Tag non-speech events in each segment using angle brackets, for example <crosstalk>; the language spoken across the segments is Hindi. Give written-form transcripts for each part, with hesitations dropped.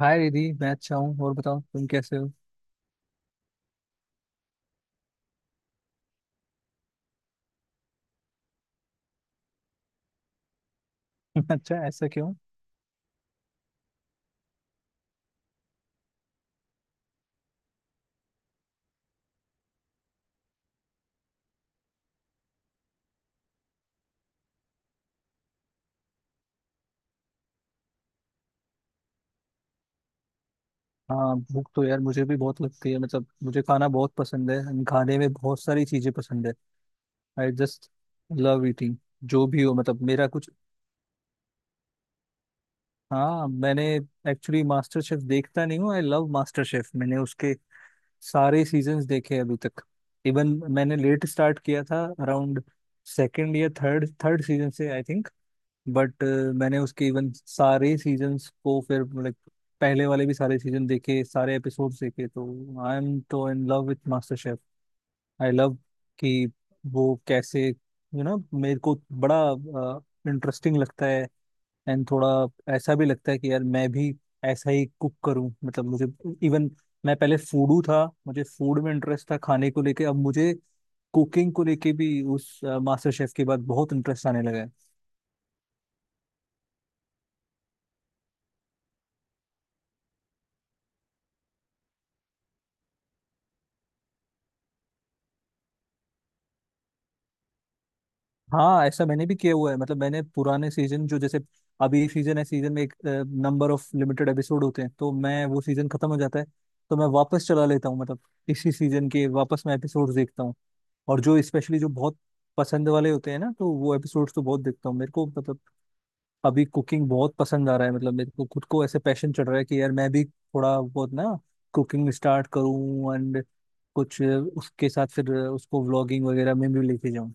हाय रिधि, मैं अच्छा हूँ। और बताओ तुम कैसे हो? <laughs> अच्छा, ऐसा क्यों? हाँ, भूख तो यार मुझे भी बहुत लगती है। मतलब मुझे खाना बहुत पसंद है and खाने में बहुत सारी चीजें पसंद है। I just love eating. जो भी हो, मतलब मेरा कुछ हाँ, मैंने एक्चुअली मास्टर शेफ देखता नहीं हूँ, आई लव मास्टर शेफ। मैंने उसके सारे सीजन्स देखे हैं अभी तक। इवन मैंने लेट स्टार्ट किया था अराउंड सेकेंड या थर्ड थर्ड सीजन से आई थिंक। बट मैंने उसके इवन सारे सीजन्स को फिर लाइक पहले वाले भी सारे सीजन देखे, सारे एपिसोड्स देखे। तो आई एम तो in love with MasterChef. I love कि वो कैसे, यू नो, मेरे को बड़ा इंटरेस्टिंग लगता है। एंड थोड़ा ऐसा भी लगता है कि यार मैं भी ऐसा ही कुक करूं। मतलब मुझे इवन, मैं पहले फूडू था, मुझे फूड में इंटरेस्ट था खाने को लेके। अब मुझे कुकिंग को लेके भी उस मास्टर शेफ के बाद बहुत इंटरेस्ट आने लगा है। हाँ, ऐसा मैंने भी किया हुआ है। मतलब मैंने पुराने सीजन जो, जैसे अभी सीजन है, सीजन में एक नंबर ऑफ लिमिटेड एपिसोड होते हैं, तो मैं वो सीजन खत्म हो जाता है तो मैं वापस चला लेता हूँ, मतलब इसी सीजन के वापस मैं एपिसोड देखता हूँ। और जो स्पेशली जो बहुत पसंद वाले होते हैं ना, तो वो एपिसोड्स तो बहुत देखता हूँ। मेरे को मतलब अभी कुकिंग बहुत पसंद आ रहा है। मतलब मेरे को खुद को ऐसे पैशन चढ़ रहा है कि यार मैं भी थोड़ा बहुत ना कुकिंग स्टार्ट करूँ एंड कुछ उसके साथ फिर उसको व्लॉगिंग वगैरह में भी लेके जाऊँ।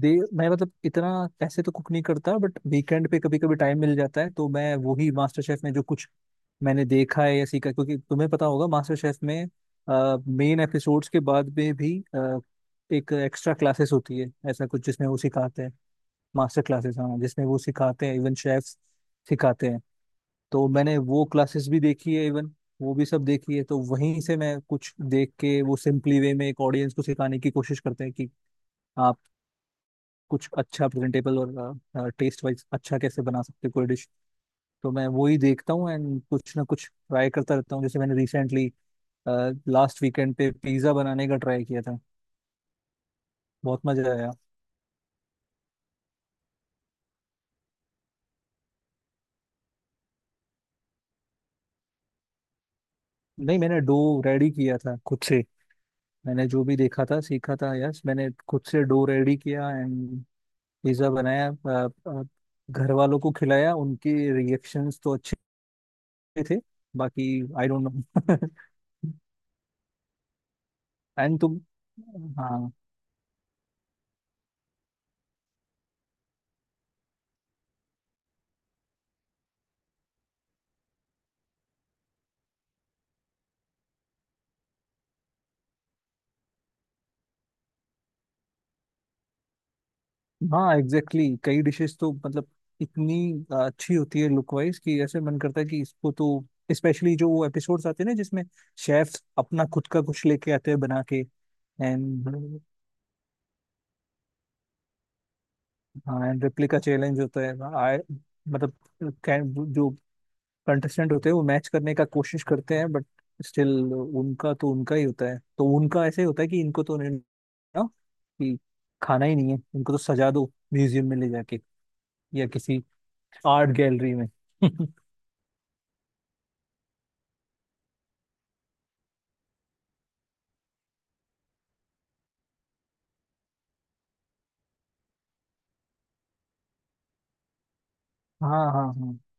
दे मैं, मतलब इतना ऐसे तो कुक नहीं करता, बट वीकेंड पे कभी कभी टाइम मिल जाता है तो मैं वही मास्टर शेफ में जो कुछ मैंने देखा है या सीखा है, क्योंकि तुम्हें पता होगा मास्टर शेफ में मेन एपिसोड्स के बाद में भी एक एक्स्ट्रा क्लासेस होती है, ऐसा कुछ जिसमें वो सिखाते हैं। मास्टर क्लासेस, हाँ, जिसमें वो सिखाते हैं, इवन शेफ सिखाते हैं। तो मैंने वो क्लासेस भी देखी है, इवन वो भी सब देखी है। तो वहीं से मैं कुछ देख के, वो सिंपली वे में एक ऑडियंस को सिखाने की कोशिश करते हैं कि कुछ अच्छा प्रेजेंटेबल और टेस्ट वाइज अच्छा कैसे बना सकते हैं कोई डिश। तो मैं वो ही देखता हूँ एंड कुछ ना कुछ ट्राई करता रहता हूँ। जैसे मैंने रिसेंटली लास्ट वीकेंड पे पिज्ज़ा बनाने का ट्राई किया था। बहुत मजा आया। नहीं, मैंने डो रेडी किया था खुद से। मैंने जो भी देखा था सीखा था, यस, मैंने खुद से डो रेडी किया एंड पिज्ज़ा बनाया। घर वालों को खिलाया, उनके रिएक्शंस तो अच्छे थे। बाकी आई डोंट नो। <laughs> एंड तुम हाँ, हाँ एग्जैक्टली, exactly. कई डिशेस तो, मतलब इतनी अच्छी होती है लुक वाइज कि ऐसे मन करता है कि इसको तो, स्पेशली जो वो एपिसोड्स आते हैं ना जिसमें शेफ्स अपना खुद का कुछ लेके आते हैं बना के एंड। हाँ एंड रेप्लिका चैलेंज होता है, मतलब जो कंटेस्टेंट होते हैं वो मैच करने का कोशिश करते हैं, बट स्टिल उनका तो उनका ही होता है। तो उनका ऐसे होता है कि इनको तो नहीं ना, कि खाना ही नहीं है इनको, तो सजा दो म्यूजियम में ले जाके या किसी आर्ट गैलरी में। <laughs> हाँ, हाँ, हाँ। हम्म,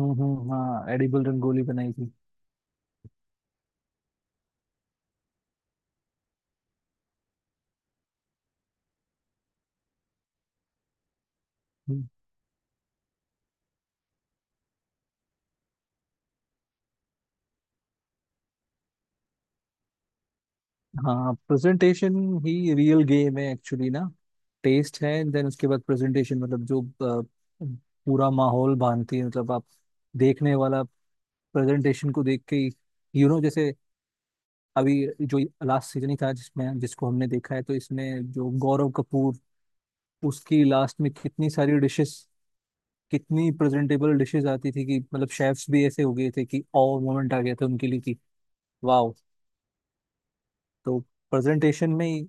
हम्म, हम्म, हाँ, एडिबल रंगोली बनाई थी। हम्म। हाँ, प्रेजेंटेशन ही रियल गेम है एक्चुअली ना। टेस्ट है, देन उसके बाद प्रेजेंटेशन। मतलब जो पूरा माहौल बांधती है, मतलब आप देखने वाला प्रेजेंटेशन को देख के, यू नो, जैसे अभी जो लास्ट सीजन ही था जिसमें, जिसको हमने देखा है, तो इसमें जो गौरव कपूर उसकी लास्ट में कितनी सारी डिशेस, कितनी प्रेजेंटेबल डिशेस आती थी कि मतलब शेफ्स भी ऐसे हो गए थे कि और मोमेंट आ गया था उनके लिए कि वाह। तो प्रेजेंटेशन में ही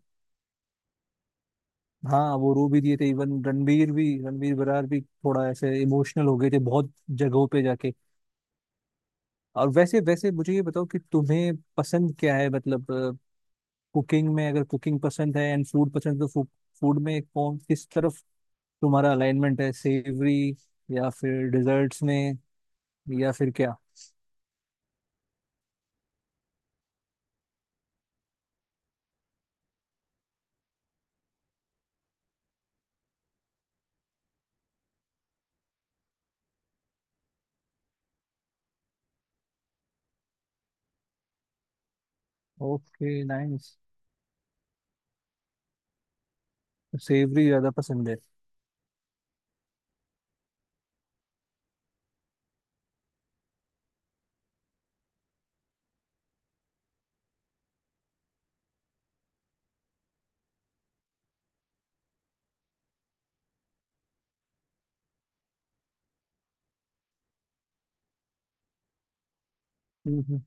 हाँ, वो रो भी दिए थे, इवन रणवीर भी, रणवीर बरार भी थोड़ा ऐसे इमोशनल हो गए थे बहुत जगहों पे जाके। और वैसे वैसे मुझे ये बताओ कि तुम्हें पसंद क्या है? मतलब कुकिंग में, अगर कुकिंग पसंद है एंड फूड पसंद है, तो फूड में कौन किस तरफ तुम्हारा अलाइनमेंट है, सेवरी या फिर डिजर्ट्स में, या फिर क्या? Okay, nice. सेवरी ज्यादा पसंद है। हम्म,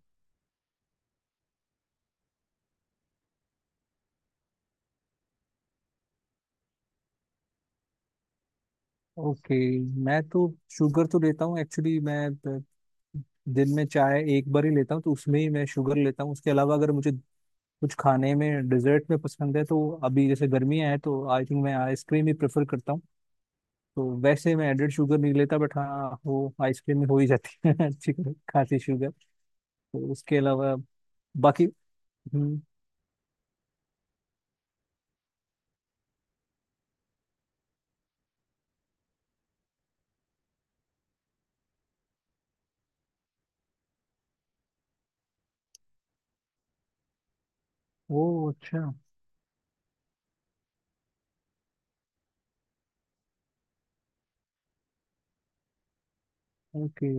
ओके। मैं तो शुगर तो लेता हूँ एक्चुअली। मैं दिन में चाय एक बार ही लेता हूँ, तो उसमें ही मैं शुगर लेता हूँ। उसके अलावा अगर मुझे कुछ खाने में डिजर्ट में पसंद है तो अभी जैसे गर्मियाँ हैं, तो आई थिंक मैं आइसक्रीम ही प्रेफर करता हूँ। तो वैसे मैं एडेड शुगर नहीं लेता, बट हाँ, वो आइसक्रीम में हो ही जाती है <laughs> अच्छी खासी शुगर। तो उसके अलावा बाकी हम्म। ओ, अच्छा। ओके,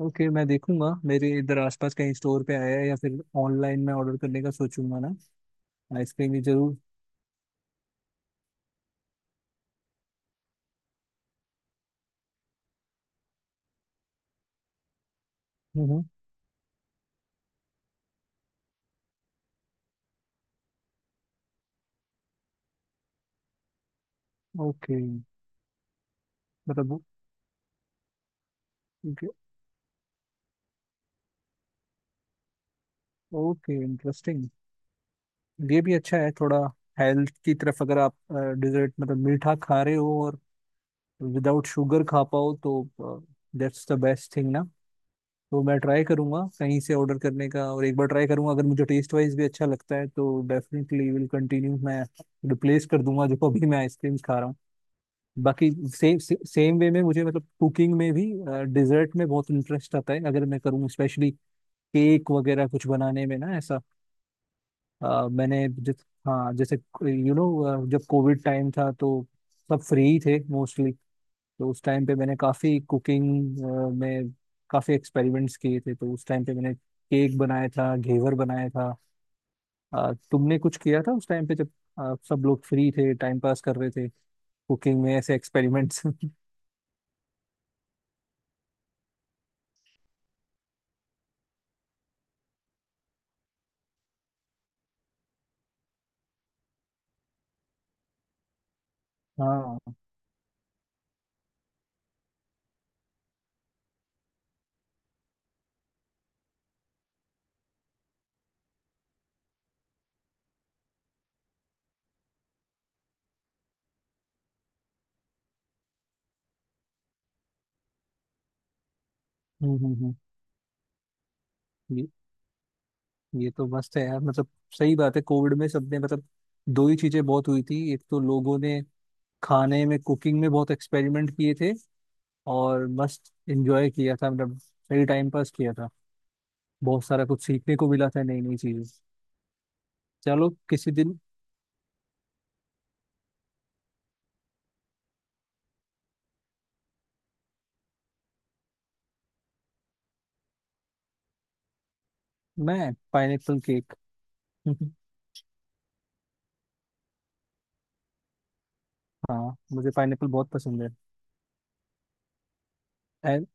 ओके, मैं देखूंगा मेरे इधर आसपास कहीं स्टोर पे आया है, या फिर ऑनलाइन में ऑर्डर करने का सोचूंगा ना। आइसक्रीम भी जरूर। हम्म। ओके, मतलब ओके, इंटरेस्टिंग। ये भी अच्छा है, थोड़ा हेल्थ की तरफ अगर आप डिजर्ट मतलब मीठा खा रहे हो और विदाउट शुगर खा पाओ तो दैट्स द बेस्ट थिंग ना। तो मैं ट्राई करूंगा कहीं से ऑर्डर करने का, और एक बार ट्राई करूंगा। अगर मुझे टेस्ट वाइज भी अच्छा लगता है तो डेफिनेटली विल कंटिन्यू। मैं रिप्लेस कर दूंगा जो अभी मैं आइसक्रीम खा रहा हूँ। बाकी सेम सेम वे में मुझे, मतलब कुकिंग में भी डिजर्ट में बहुत इंटरेस्ट आता है अगर मैं करूँ, स्पेशली केक वगैरह कुछ बनाने में ना। ऐसा मैंने जिस हाँ, जैसे यू नो जब कोविड टाइम था तो सब फ्री ही थे मोस्टली। तो उस टाइम पे मैंने काफ़ी कुकिंग में काफ़ी एक्सपेरिमेंट्स किए थे। तो उस टाइम पे मैंने केक बनाया था, घेवर बनाया था। तुमने कुछ किया था उस टाइम पे जब सब लोग फ्री थे, टाइम पास कर रहे थे, कुकिंग में ऐसे एक्सपेरिमेंट्स? <laughs> हाँ, हम्म, हम्म, ये ये तो मस्त है यार। मतलब सही बात है, कोविड में सबने, मतलब दो ही चीजें बहुत हुई थी, एक तो लोगों ने खाने में, कुकिंग में बहुत एक्सपेरिमेंट किए थे और मस्त एंजॉय किया था। मतलब सही टाइम पास किया था, बहुत सारा कुछ सीखने को मिला था, नई नई चीजें। चलो किसी दिन। मैं पाइनएप्पल केक। <laughs> हाँ, मुझे पाइनएप्पल बहुत पसंद है। एंड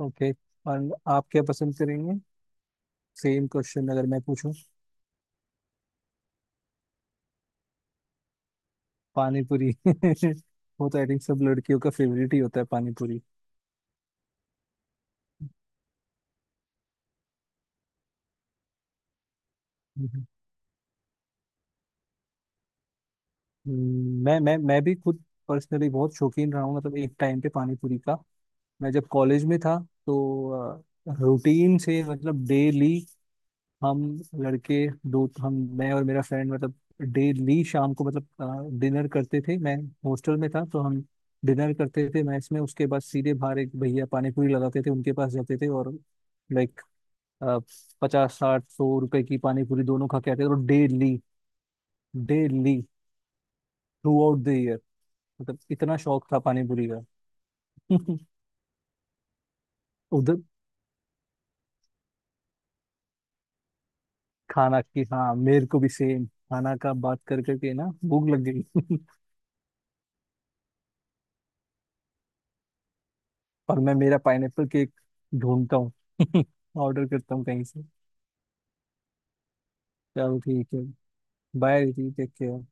ओके, और आप क्या पसंद करेंगे? सेम क्वेश्चन अगर मैं पूछूं। पानी पूरी <laughs> वो तो आई थिंक सब लड़कियों का फेवरेट ही होता है, पानी पूरी। हम्म, <laughs> मैं भी खुद पर्सनली बहुत शौकीन रहा हूँ, मतलब एक टाइम पे पानी पूरी का। मैं जब कॉलेज में था तो रूटीन से, मतलब डेली हम लड़के दो, हम मैं और मेरा फ्रेंड, मतलब डेली शाम को, मतलब डिनर करते थे। मैं हॉस्टल में था तो हम डिनर करते थे मैस में, उसके बाद सीधे बाहर एक भैया पानी पूरी लगाते थे, उनके पास जाते थे और लाइक 50 60 100 रुपए की पानी पूरी दोनों खा के आते थे। और daily daily throughout the year, मतलब इतना शौक था पानी पूरी का। <laughs> उधर खाना की, हाँ, मेरे को भी सेम खाना का बात कर करके ना भूख लग गई। <laughs> पर मैं, मेरा पाइनएप्पल केक ढूंढता हूँ <laughs> ऑर्डर करता हूँ कहीं से। चलो, ठीक है। Bye, take care.